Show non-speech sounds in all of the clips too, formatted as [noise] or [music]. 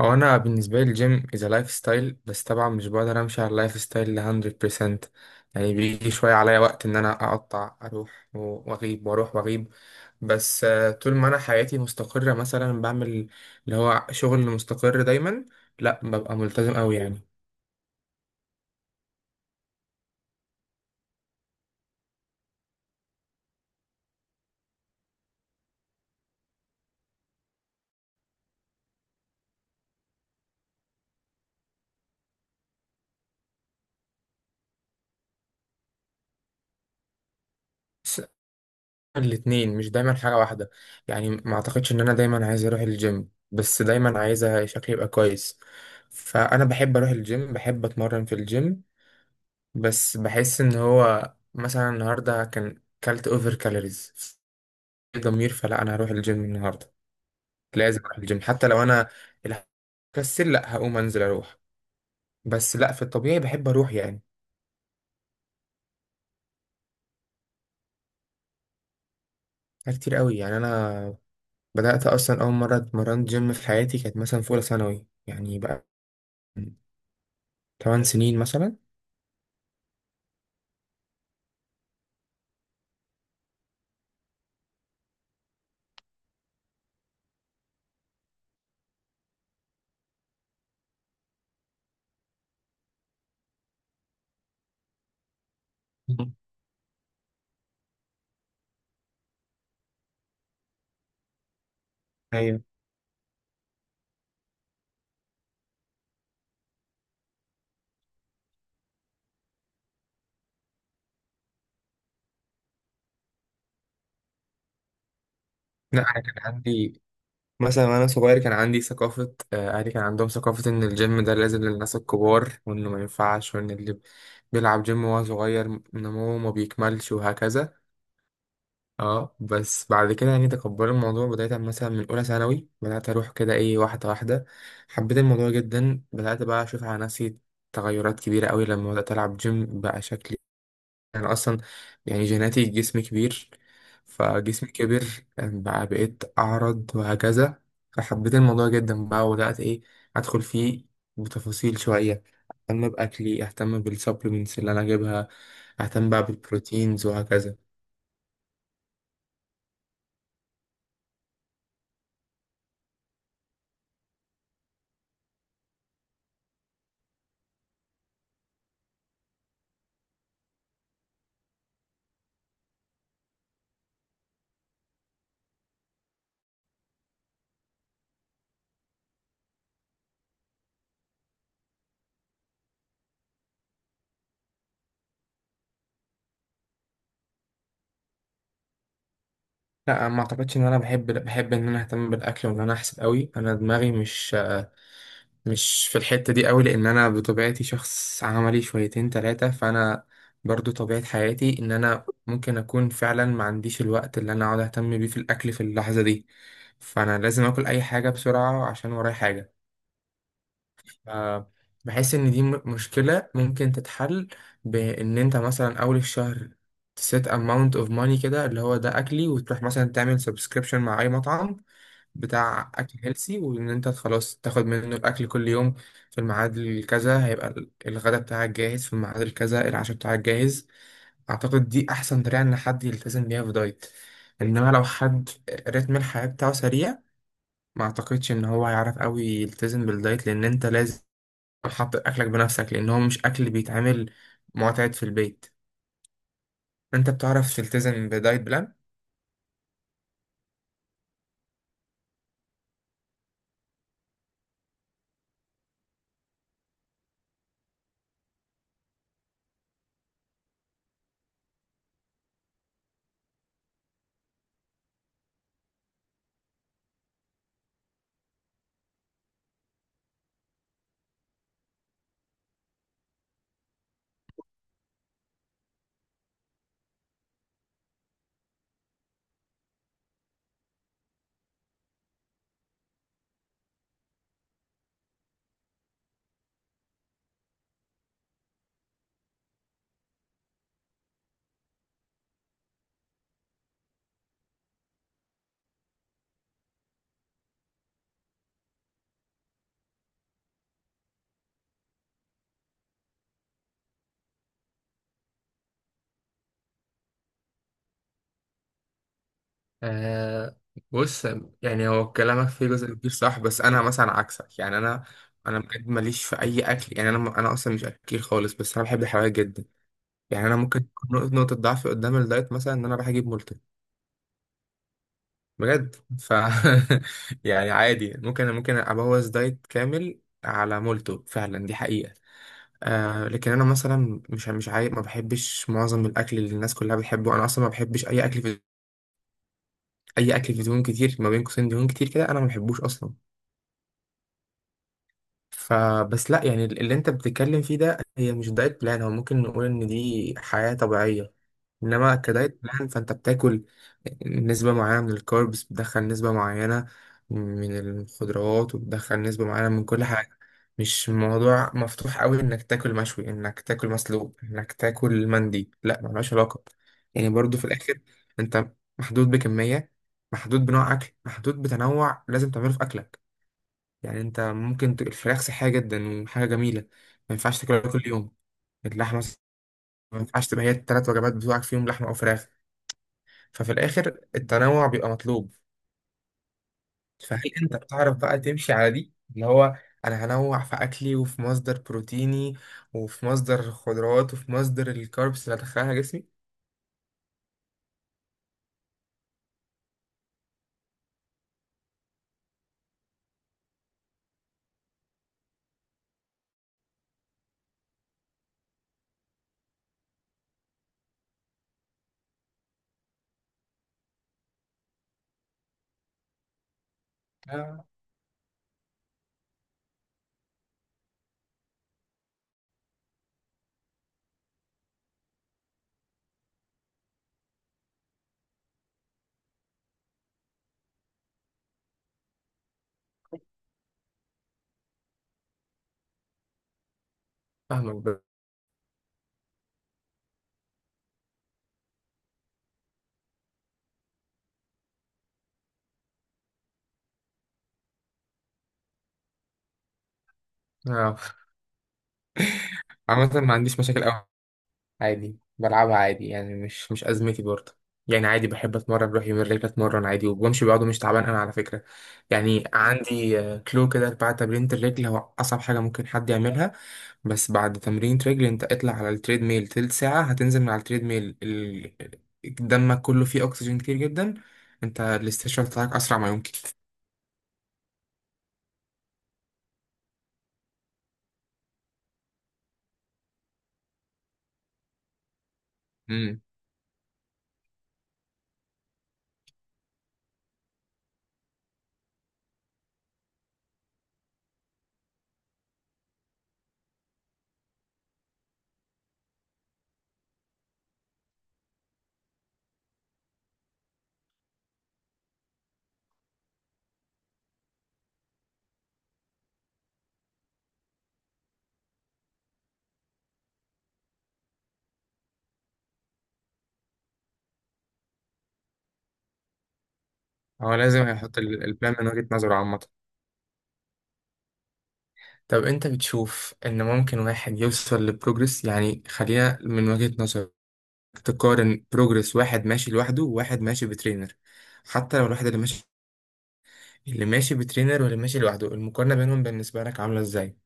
هو انا بالنسبه لي الجيم از لايف ستايل. بس طبعا مش بقدر امشي على اللايف ستايل ل 100%. يعني بيجي شويه عليا وقت ان انا اقطع اروح واغيب واروح واغيب. بس طول ما انا حياتي مستقره، مثلا بعمل اللي هو شغل مستقر دايما، لا ببقى ملتزم قوي يعني. بس الاتنين مش دايما حاجه واحده. يعني ما اعتقدش ان انا دايما عايز اروح الجيم، بس دايما عايز شكلي يبقى كويس. فانا بحب اروح الجيم، بحب اتمرن في الجيم. بس بحس ان هو مثلا النهارده كان كلت اوفر كالوريز، في ضمير، فلا انا هروح الجيم النهارده. لازم اروح الجيم حتى لو انا كسل، لا هقوم انزل اروح. بس لا، في الطبيعي بحب اروح يعني. حاجات كتير قوي يعني. انا بدات اصلا اول مره اتمرنت جيم في حياتي كانت مثلا في اولى ثانوي، يعني بقى من 8 سنين مثلا. مم. ايوه. لا انا كان عندي مثلا وانا صغير، كان عندي ثقافة، اهلي كان عندهم ثقافة ان الجيم ده لازم للناس الكبار، وانه ما ينفعش، وان اللي بيلعب جيم وهو صغير نموه ما بيكملش، وهكذا. اه، بس بعد كده يعني تقبل الموضوع، بداية مثلا من اولى ثانوي بدأت اروح كده، ايه، واحدة واحدة. حبيت الموضوع جدا، بدأت بقى اشوف على نفسي تغيرات كبيرة قوي لما بدأت العب جيم. بقى شكلي انا اصلا يعني جيناتي جسم كبير، فجسمي كبر، بقى بقيت اعرض وهكذا. فحبيت الموضوع جدا بقى، وبدات ايه، ادخل فيه بتفاصيل شويه. اهتم باكلي، اهتم بالسبلمنتس اللي انا اجيبها، اهتم بقى بالبروتينز وهكذا. لا، ما اعتقدش ان انا بحب، ان انا اهتم بالاكل وان انا احسب قوي. انا دماغي مش في الحتة دي قوي، لأن أنا بطبيعتي شخص عملي شويتين تلاتة. فأنا برضو طبيعة حياتي إن أنا ممكن أكون فعلا ما عنديش الوقت اللي أنا أقعد أهتم بيه في الأكل في اللحظة دي، فأنا لازم أكل أي حاجة بسرعة عشان ورايا حاجة. آه، بحس ان دي مشكلة ممكن تتحل، بان انت مثلا اول الشهر تسيت amount of money كده اللي هو ده اكلي، وتروح مثلا تعمل subscription مع اي مطعم بتاع اكل هيلسي، وان انت خلاص تاخد منه الاكل كل يوم في الميعاد الكذا، هيبقى الغدا بتاعك جاهز، في الميعاد الكذا العشاء بتاعك جاهز. اعتقد دي احسن طريقة ان حد يلتزم بيها في دايت. انما لو حد رتم الحياة بتاعه سريع، ما اعتقدش ان هو هيعرف قوي يلتزم بالدايت، لان انت لازم حط اكلك بنفسك، لان هو مش اكل بيتعمل معتاد في البيت. انت بتعرف تلتزم بدايت بلان؟ آه. بص، يعني هو كلامك فيه جزء كبير صح، بس انا مثلا عكسك يعني. انا انا بجد ماليش في اي اكل، يعني انا اصلا مش اكيل خالص، بس انا بحب الحلويات جدا. يعني انا ممكن تكون نقطة ضعفي قدام الدايت مثلا ان انا بحجب مولتو، بجد. [laughs] يعني عادي، ممكن ابوظ دايت كامل على مولتو، فعلا دي حقيقه. آه، لكن انا مثلا مش ما بحبش معظم الاكل اللي الناس كلها بتحبه. انا اصلا ما بحبش. اي اكل في دهون كتير، ما بين قوسين دهون كتير كده، انا ما بحبوش اصلا. فبس لا، يعني اللي انت بتتكلم فيه ده هي مش دايت بلان، هو ممكن نقول ان دي حياة طبيعية. انما كدايت بلان، فانت بتاكل نسبة معينة من الكاربس، بتدخل نسبة معينة من الخضروات، وبتدخل نسبة معينة من كل حاجة. مش موضوع مفتوح قوي انك تاكل مشوي، انك تاكل مسلوق، انك تاكل مندي. لا، ملهاش علاقة. يعني برضو في الاخر انت محدود بكمية، محدود بنوع اكل، محدود بتنوع لازم تعمله في اكلك. يعني انت ممكن الفراخ صحية جدا وحاجة جميلة، ما ينفعش تاكلها كل يوم. اللحمة ما ينفعش تبقى هي التلات وجبات بتوعك فيهم لحمة او فراخ. ففي الآخر التنوع بيبقى مطلوب. فهل أنت بتعرف بقى تمشي على دي، اللي هو أنا هنوع في أكلي، وفي مصدر بروتيني، وفي مصدر خضروات، وفي مصدر الكاربس اللي هدخلها جسمي؟ آه، فاهمك بقى. آه، عامة ما عنديش مشاكل أوي. عادي بلعبها عادي، يعني مش أزمتي برضه. يعني عادي بحب اتمرن، بروح يومين رجلي اتمرن عادي، وبمشي بعضه. مش تعبان انا على فكره. يعني عندي، كلو كده، بعد تمرين الرجل هو اصعب حاجه ممكن حد يعملها، بس بعد تمرين رجل انت اطلع على التريد ميل تلت ساعة. هتنزل من على التريد ميل دمك كله فيه اكسجين كتير جدا، انت الاستشفاء بتاعك اسرع ما يمكن. امم. هو لازم يحط البلان من وجهة نظره عامة. طب انت بتشوف ان ممكن واحد يوصل لبروجرس، يعني خلينا من وجهة نظرك تقارن بروجرس واحد ماشي لوحده وواحد ماشي بترينر. حتى لو الواحد اللي ماشي بترينر واللي ماشي لوحده، المقارنة بينهم بالنسبة لك عاملة ازاي؟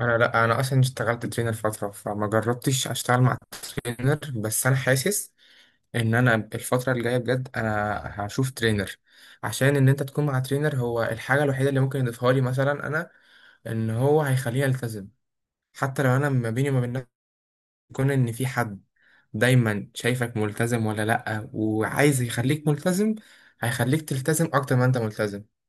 انا لا، انا اصلا اشتغلت ترينر فتره، فما جربتش اشتغل مع ترينر، بس انا حاسس ان انا الفتره الجايه بجد انا هشوف ترينر. عشان ان انت تكون مع ترينر هو الحاجه الوحيده اللي ممكن يضيفها لي مثلا. انا ان هو هيخليني التزم، حتى لو انا ما بيني وما بين نفسي يكون ان في حد دايما شايفك ملتزم ولا لا، وعايز يخليك ملتزم، هيخليك تلتزم اكتر ما انت ملتزم.